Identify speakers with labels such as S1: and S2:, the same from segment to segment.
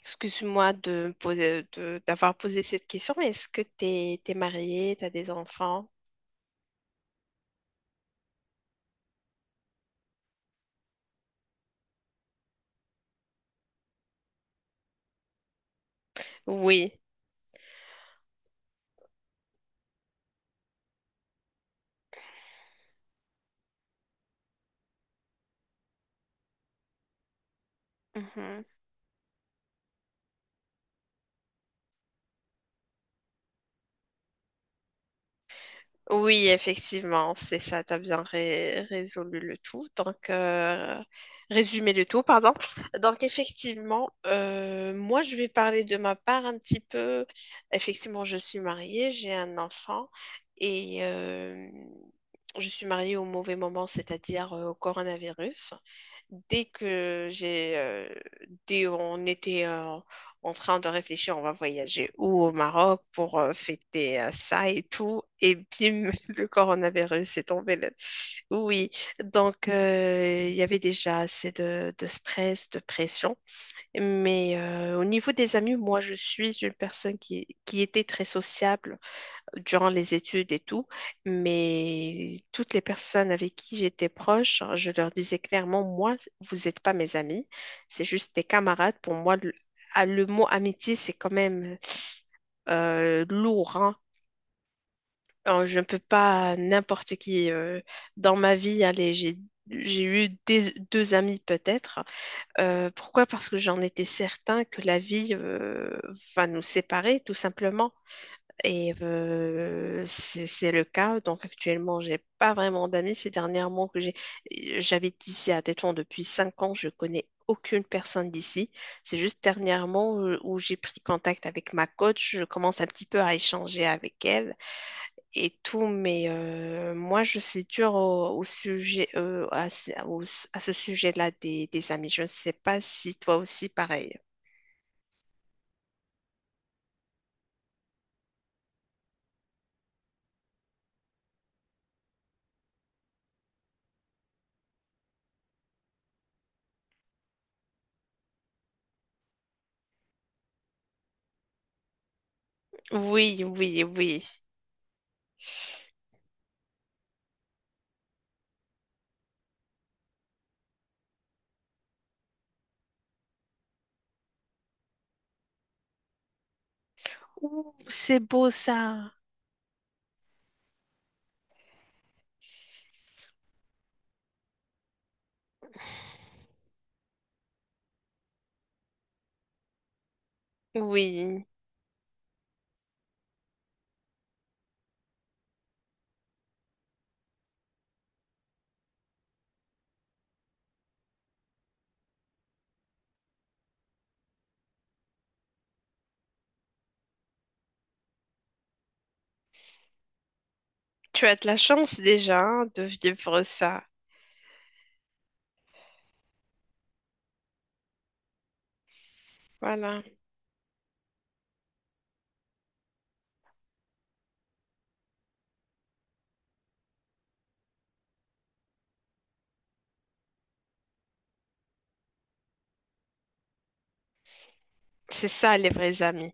S1: Excuse-moi de poser, d'avoir posé cette question, mais est-ce que t'es mariée, t'as des enfants? Oui. Oui, effectivement, c'est ça, tu as bien résolu le tout. Donc, résumé le tout, pardon. Donc, effectivement, moi, je vais parler de ma part un petit peu. Effectivement, je suis mariée, j'ai un enfant et je suis mariée au mauvais moment, c'est-à-dire au coronavirus. Dès que j'ai, euh, dès on était, en train de réfléchir, on va voyager où au Maroc pour fêter ça et tout. Et bim, le coronavirus est tombé. Oui, oui. Donc il y avait déjà assez de stress, de pression. Mais au niveau des amis, moi, je suis une personne qui était très sociable durant les études et tout, mais toutes les personnes avec qui j'étais proche, je leur disais clairement, moi, vous n'êtes pas mes amis, c'est juste des camarades. Pour moi, le mot amitié, c'est quand même lourd, hein. Alors, je ne peux pas n'importe qui dans ma vie, allez, j'ai eu deux amis peut-être. Pourquoi? Parce que j'en étais certain que la vie va nous séparer, tout simplement. Et c'est le cas. Donc actuellement, j'ai pas vraiment d'amis. Ces dernièrement que j'ai, j'habite ici à Tétouan depuis 5 ans. Je connais aucune personne d'ici. C'est juste dernièrement où j'ai pris contact avec ma coach. Je commence un petit peu à échanger avec elle et tout. Mais moi, je suis dure au sujet, à ce sujet-là des amis. Je ne sais pas si toi aussi pareil. Oui, oui, oui. Ouh, c'est beau ça. Oui. Tu as de la chance déjà hein, de vivre ça. Voilà. C'est ça, les vrais amis.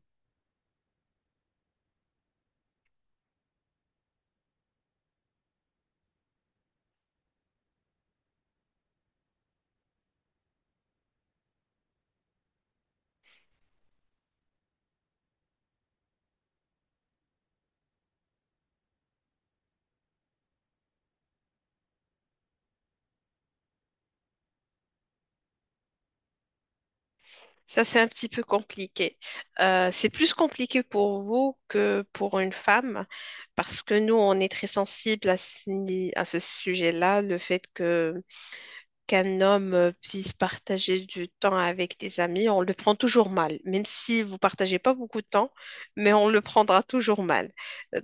S1: Ça, c'est un petit peu compliqué. C'est plus compliqué pour vous que pour une femme, parce que nous, on est très sensible à ce, ni- à ce sujet-là, le fait que qu'un homme puisse partager du temps avec des amis, on le prend toujours mal. Même si vous partagez pas beaucoup de temps, mais on le prendra toujours mal.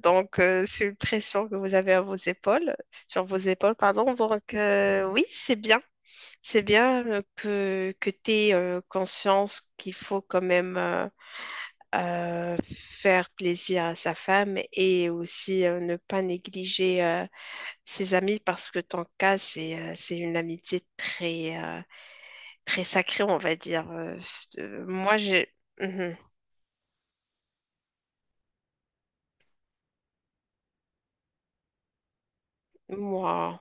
S1: Donc, c'est une pression que vous avez à vos épaules, sur vos épaules, pardon. Donc, oui, c'est bien. C'est bien que tu aies conscience qu'il faut quand même faire plaisir à sa femme et aussi ne pas négliger ses amis parce que ton cas, c'est une amitié très sacré, on va dire. Moi, j'ai. Mhm. Moi,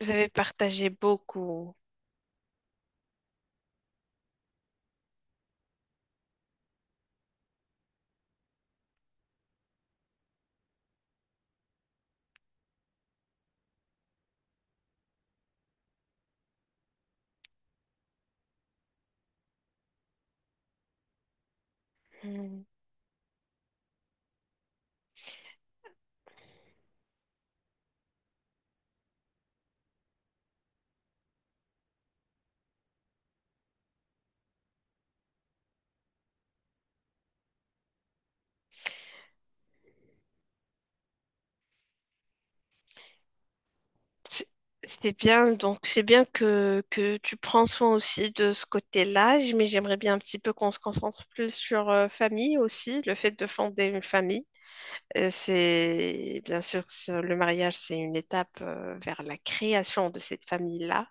S1: vous avez partagé beaucoup. Mhm. C'est c'est bien, donc c'est bien que tu prends soin aussi de ce côté-là, mais j'aimerais bien un petit peu qu'on se concentre plus sur famille aussi, le fait de fonder une famille. C'est bien sûr le mariage, c'est une étape vers la création de cette famille-là.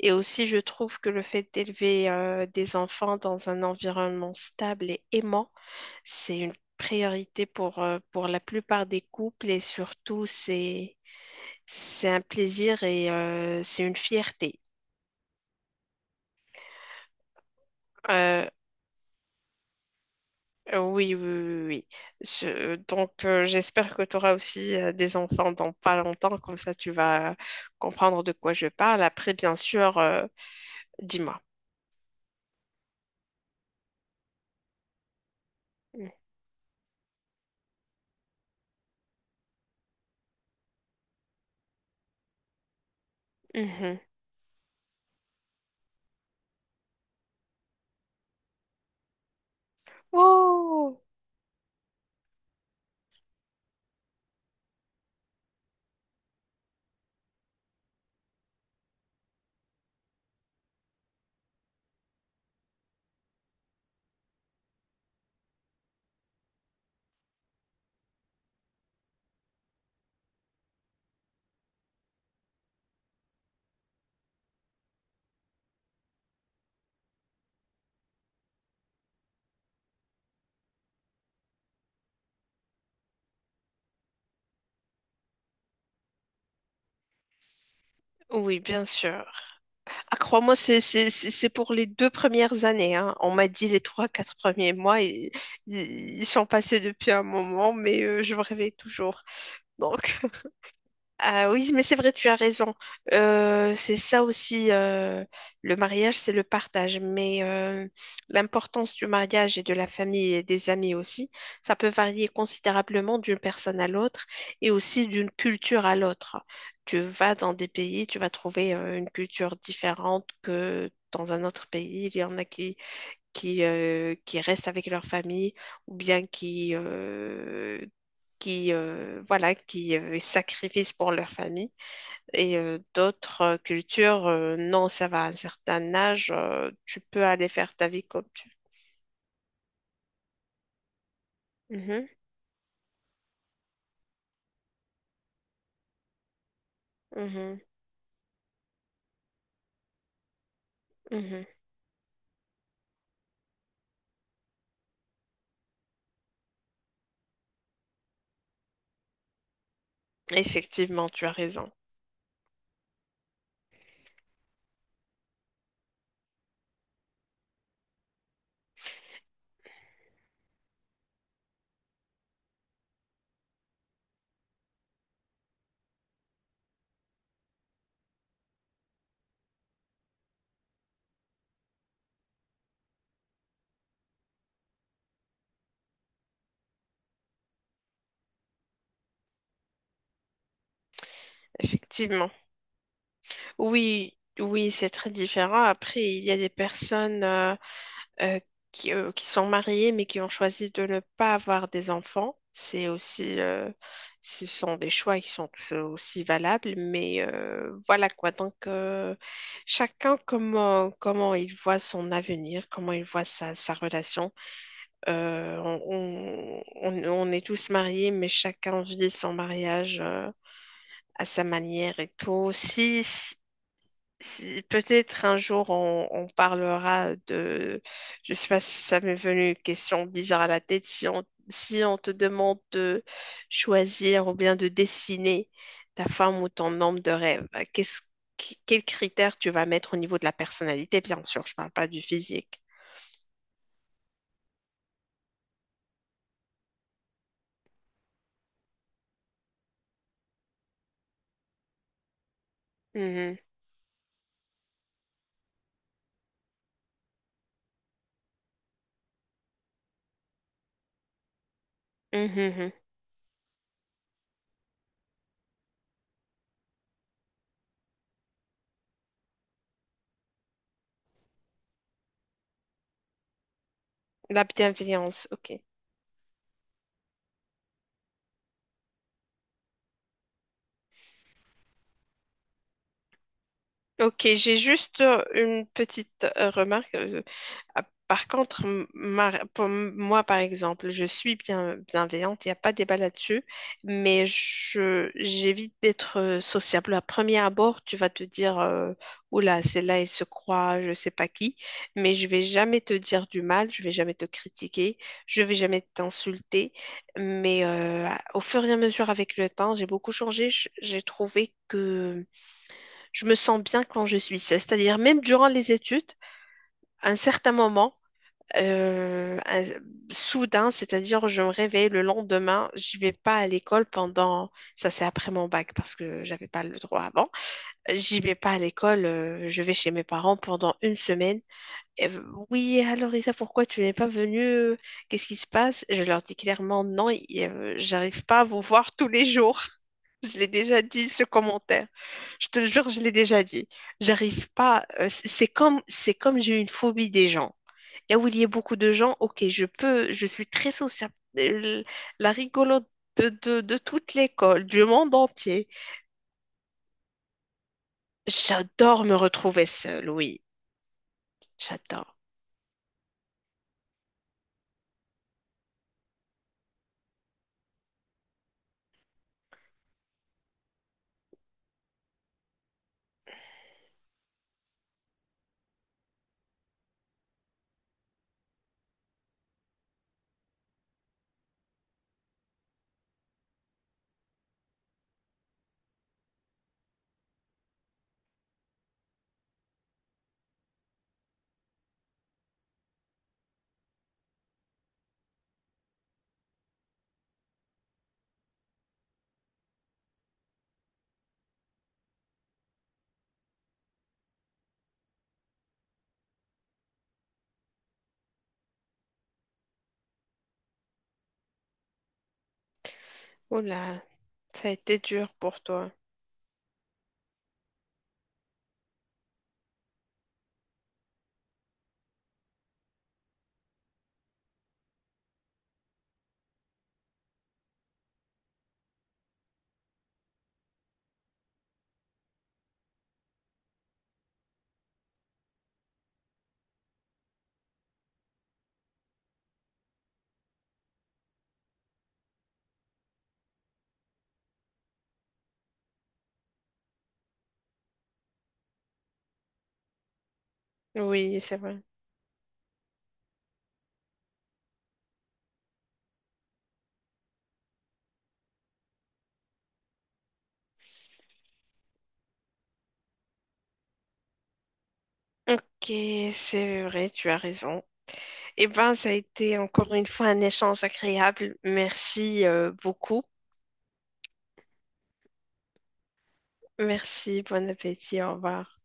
S1: Et aussi, je trouve que le fait d'élever des enfants dans un environnement stable et aimant, c'est une priorité pour la plupart des couples et surtout, c'est un plaisir et c'est une fierté. Euh, Oui, oui, oui, oui, oui. Donc, j'espère que tu auras aussi des enfants dans pas longtemps, comme ça tu vas comprendre de quoi je parle. Après, bien sûr, dis-moi. Mhm. Oh, oui, bien sûr. Ah, crois-moi, c'est pour les 2 premières années, hein. On m'a dit les trois, quatre premiers mois, ils sont passés depuis un moment, mais je me réveille toujours. Donc, ah oui, mais c'est vrai, tu as raison. C'est ça aussi, le mariage, c'est le partage. Mais l'importance du mariage et de la famille et des amis aussi, ça peut varier considérablement d'une personne à l'autre et aussi d'une culture à l'autre. Tu vas dans des pays, tu vas trouver une culture différente que dans un autre pays. Il y en a qui restent avec leur famille ou bien voilà, qui sacrifient pour leur famille. Et d'autres cultures, non, ça va à un certain âge, tu peux aller faire ta vie comme tu veux. Mhm, mhm, mhm. Effectivement, tu as raison. Effectivement. Oui, oui, c'est très différent. Après, il y a des personnes. Euh, qui sont mariés mais qui ont choisi de ne pas avoir des enfants. C'est aussi, ce sont des choix qui sont tous aussi valables, mais voilà quoi. Donc, chacun comment, comment il voit son avenir, comment il voit sa relation. On est tous mariés, mais chacun vit son mariage à sa manière et tout. Peut-être un jour on parlera de, je sais pas si ça m'est venu une question bizarre à la tête, si on te demande de choisir ou bien de dessiner ta femme ou ton homme de rêve, qu'est-ce, quels critères tu vas mettre au niveau de la personnalité, bien sûr, je parle pas du physique. Mhm. Mhm, mhm. La bienveillance, ok. Ok, j'ai juste une petite remarque. Ah, Par contre, moi, par exemple, je suis bienveillante, il n'y a pas de débat là-dessus, mais j'évite d'être sociable. À premier abord, tu vas te dire, oula, celle-là, elle se croit, je sais pas qui, mais je vais jamais te dire du mal, je vais jamais te critiquer, je vais jamais t'insulter. Mais au fur et à mesure avec le temps, j'ai beaucoup changé. J'ai trouvé que je me sens bien quand je suis seule. C'est-à-dire, même durant les études, à un certain moment, euh, un- soudain, c'est-à-dire, je me réveille le lendemain, je vais pas à l'école pendant, ça c'est après mon bac parce que j'avais pas le droit avant. J'y vais pas à l'école, je vais chez mes parents pendant une semaine. Et, oui, alors Isa, pourquoi tu n'es pas venue? Qu'est-ce qui se passe? Je leur dis clairement non, et, j'arrive pas à vous voir tous les jours. Je l'ai déjà dit, ce commentaire. Je te le jure, je l'ai déjà dit. J'arrive pas. C'est comme j'ai une phobie des gens. Là où il y a beaucoup de gens, ok, je peux, je suis très sociable. Euh, La rigolote de toute l'école, du monde entier. J'adore me retrouver seule, oui. J'adore. Oula, ça a été dur pour toi. Oui, c'est vrai. Ok, c'est vrai, tu as raison. Eh ben, ça a été encore une fois un échange agréable. Merci beaucoup. Merci, bon appétit, au revoir.